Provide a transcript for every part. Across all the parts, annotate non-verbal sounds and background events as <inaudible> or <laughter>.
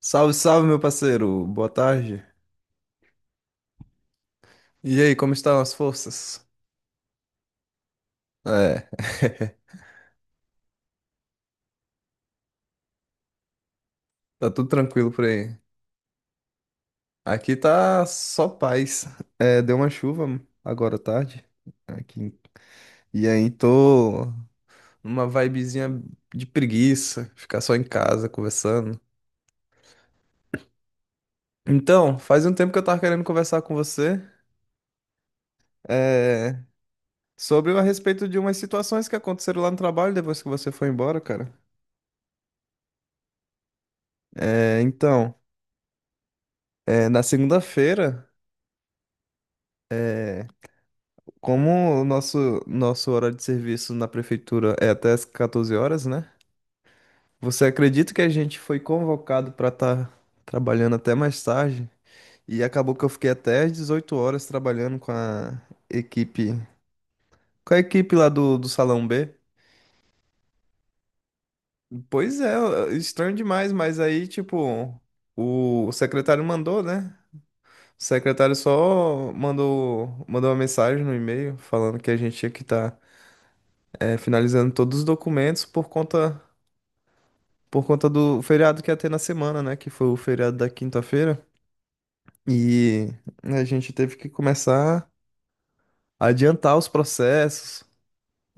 Salve, salve, meu parceiro. Boa tarde. E aí, como estão as forças? É, <laughs> tá tudo tranquilo por aí. Aqui tá só paz. É, deu uma chuva agora à tarde aqui. E aí tô numa vibezinha de preguiça, ficar só em casa conversando. Então, faz um tempo que eu tava querendo conversar com você, é, sobre a respeito de umas situações que aconteceram lá no trabalho depois que você foi embora, cara. É, então, é, na segunda-feira é, como o nosso horário de serviço na prefeitura é até as 14 horas, né? Você acredita que a gente foi convocado para estar trabalhando até mais tarde? E acabou que eu fiquei até às 18 horas trabalhando equipe, com a equipe lá do Salão B. Pois é, estranho demais, mas aí, tipo, o secretário mandou, né? O secretário só mandou uma mensagem no e-mail falando que a gente tinha que estar finalizando todos os documentos por conta. Por conta do feriado que ia ter na semana, né? Que foi o feriado da quinta-feira. E a gente teve que começar a adiantar os processos.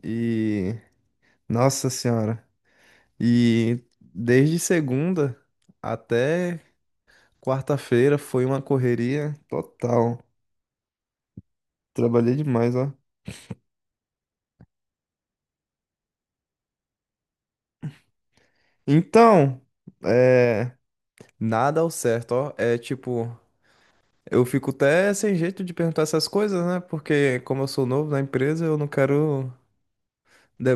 E. Nossa Senhora! E desde segunda até quarta-feira foi uma correria total. Trabalhei demais, ó. Então, é. Nada ao certo, ó. É tipo. Eu fico até sem jeito de perguntar essas coisas, né? Porque como eu sou novo na empresa, eu não quero da-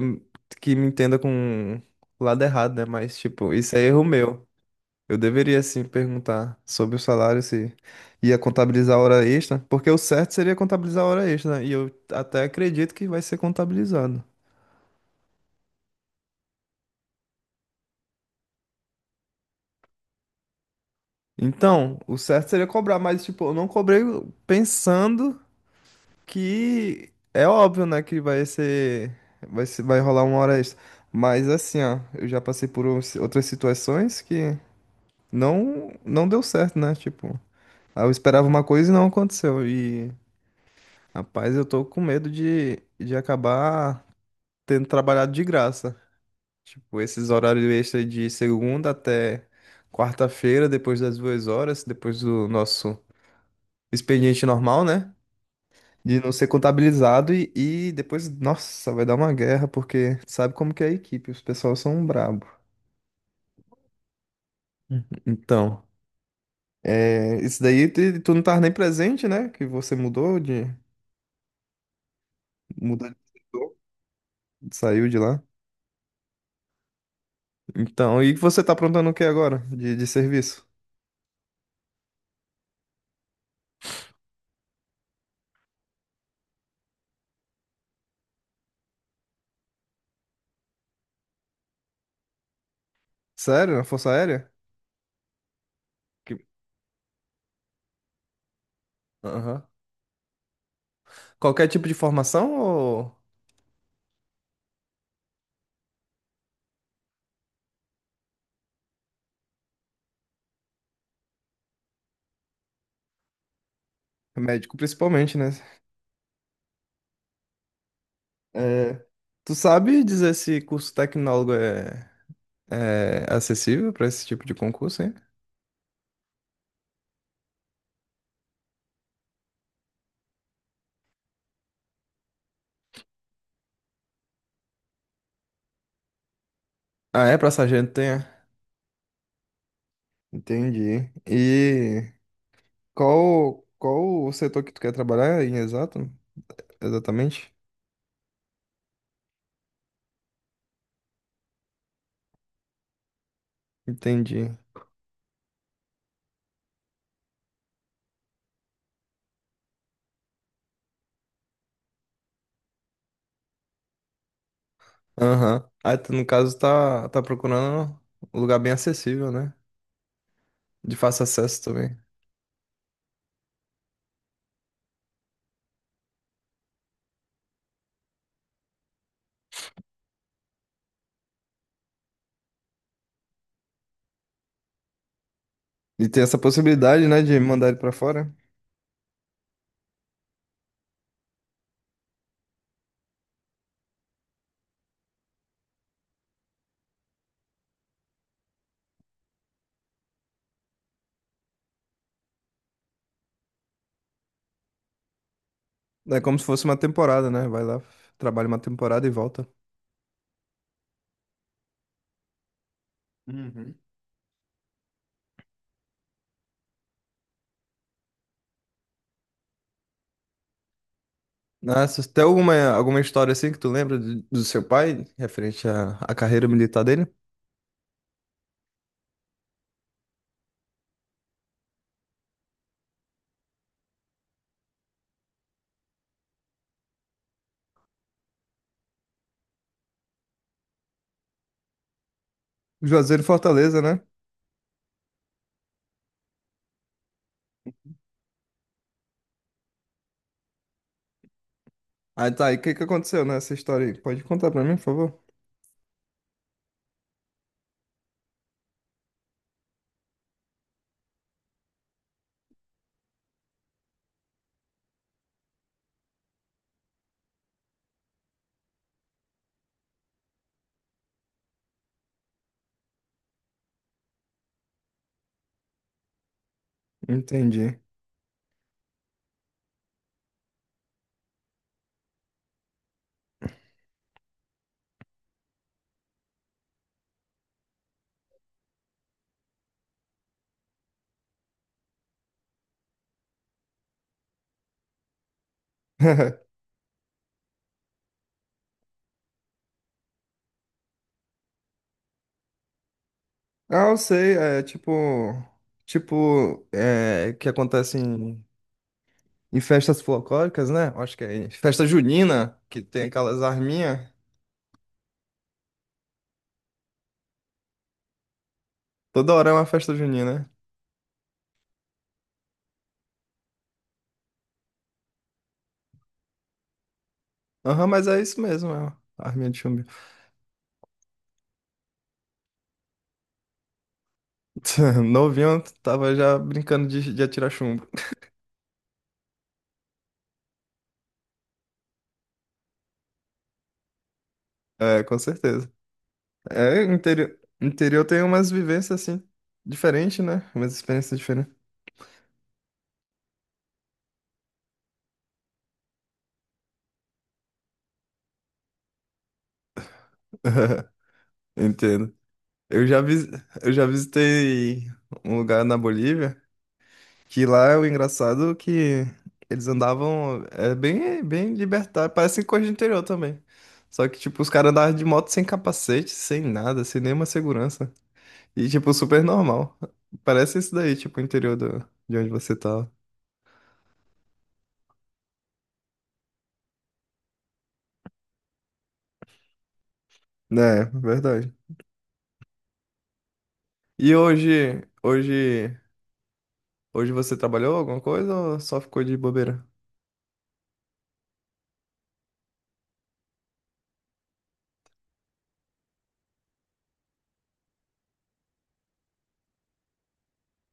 que me entenda com o lado errado, né? Mas, tipo, isso é erro meu. Eu deveria, sim, perguntar sobre o salário, se ia contabilizar a hora extra, porque o certo seria contabilizar a hora extra, né? E eu até acredito que vai ser contabilizado. Então, o certo seria cobrar, mas, tipo, eu não cobrei pensando que é óbvio, né, que vai ser, vai rolar uma hora extra. Mas, assim, ó, eu já passei por outras situações que não deu certo, né? Tipo, aí eu esperava uma coisa e não aconteceu. E, rapaz, eu tô com medo de acabar tendo trabalhado de graça. Tipo, esses horários extras de segunda até quarta-feira, depois das duas horas, depois do nosso expediente normal, né? De não ser contabilizado e depois, nossa, vai dar uma guerra, porque sabe como que é a equipe, os pessoal são brabo. Então, é, isso daí tu não tava nem presente, né? Que você mudou de setor, saiu de lá. Então, e você tá aprontando o que agora de serviço? Sério? Na Força Aérea? Que- Aham. Qualquer tipo de formação ou médico principalmente, né? É, tu sabe dizer se curso tecnólogo é acessível para esse tipo de concurso, hein? Ah, é? Para sargento tem? É? Entendi. E qual o setor que tu quer trabalhar em exato? Exatamente? Entendi. Aham. Aí tu, no caso, tá procurando um lugar bem acessível, né? De fácil acesso também. E tem essa possibilidade, né, de mandar ele pra fora. É como se fosse uma temporada, né? Vai lá, trabalha uma temporada e volta. Uhum. Nossa, tem alguma história assim que tu lembra do seu pai, referente à, à carreira militar dele? Juazeiro e Fortaleza, né? Aí tá, e o que que aconteceu nessa história aí? Pode contar pra mim, por favor? Entendi. <laughs> Ah, eu sei, é tipo. Tipo, é, que acontece em festas folclóricas, né? Acho que é em festa junina, que tem aquelas arminhas. Toda hora é uma festa junina, né? Aham, mas é isso mesmo, é uma arminha de chumbo. <laughs> Novinho tava já brincando de atirar chumbo. É, com certeza. É, interior tem umas vivências assim, diferentes, né? Umas experiências diferentes. <laughs> Entendo. Eu já, vis, eu já visitei um lugar na Bolívia que lá é o engraçado é que eles andavam é bem libertário, parece coisa de interior também. Só que, tipo, os caras andavam de moto sem capacete, sem nada, sem nenhuma segurança. E, tipo, super normal. Parece isso daí, tipo, o interior do, de onde você tá. É, verdade. E hoje, hoje, hoje você trabalhou alguma coisa ou só ficou de bobeira?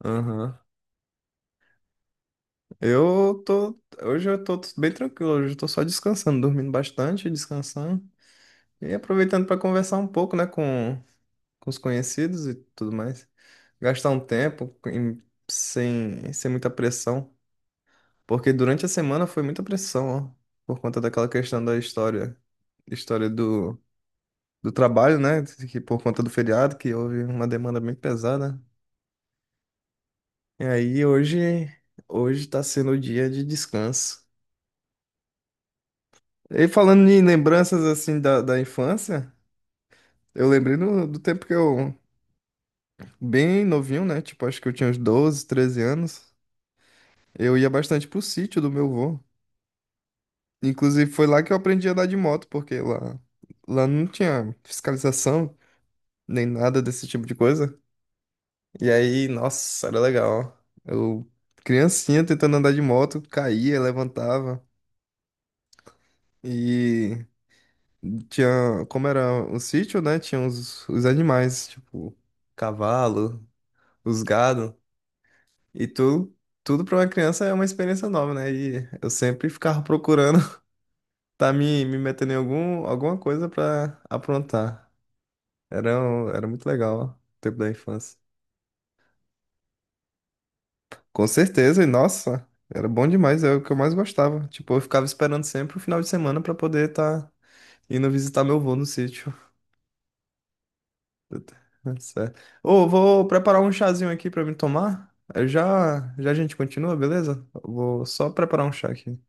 Aham. Eu tô, hoje eu tô bem tranquilo, hoje eu tô só descansando, dormindo bastante, descansando e aproveitando pra conversar um pouco, né, com os conhecidos e tudo mais. Gastar um tempo em- sem muita pressão. Porque durante a semana foi muita pressão, ó, por conta daquela questão da história, história do trabalho, né? Que por conta do feriado, que houve uma demanda bem pesada. E aí hoje tá sendo o dia de descanso. E falando em lembranças assim da infância, eu lembrei do tempo que eu, bem novinho, né? Tipo, acho que eu tinha uns 12, 13 anos. Eu ia bastante pro sítio do meu avô. Inclusive foi lá que eu aprendi a andar de moto, porque lá não tinha fiscalização, nem nada desse tipo de coisa. E aí, nossa, era legal. Eu, criancinha, tentando andar de moto, caía, levantava. E tinha, como era o sítio, né? Tinha os animais, tipo, cavalo, os gado. E tu, tudo pra uma criança é uma experiência nova, né? E eu sempre ficava procurando <laughs> tá me metendo em alguma coisa pra aprontar. Era muito legal, ó, o tempo da infância. Com certeza, e nossa, era bom demais, é o que eu mais gostava. Tipo, eu ficava esperando sempre o final de semana pra poder estar indo visitar meu avô no sítio. <laughs> Certo. Ô, vou preparar um chazinho aqui pra me tomar. Eu já, já a gente continua, beleza? Eu vou só preparar um chá aqui.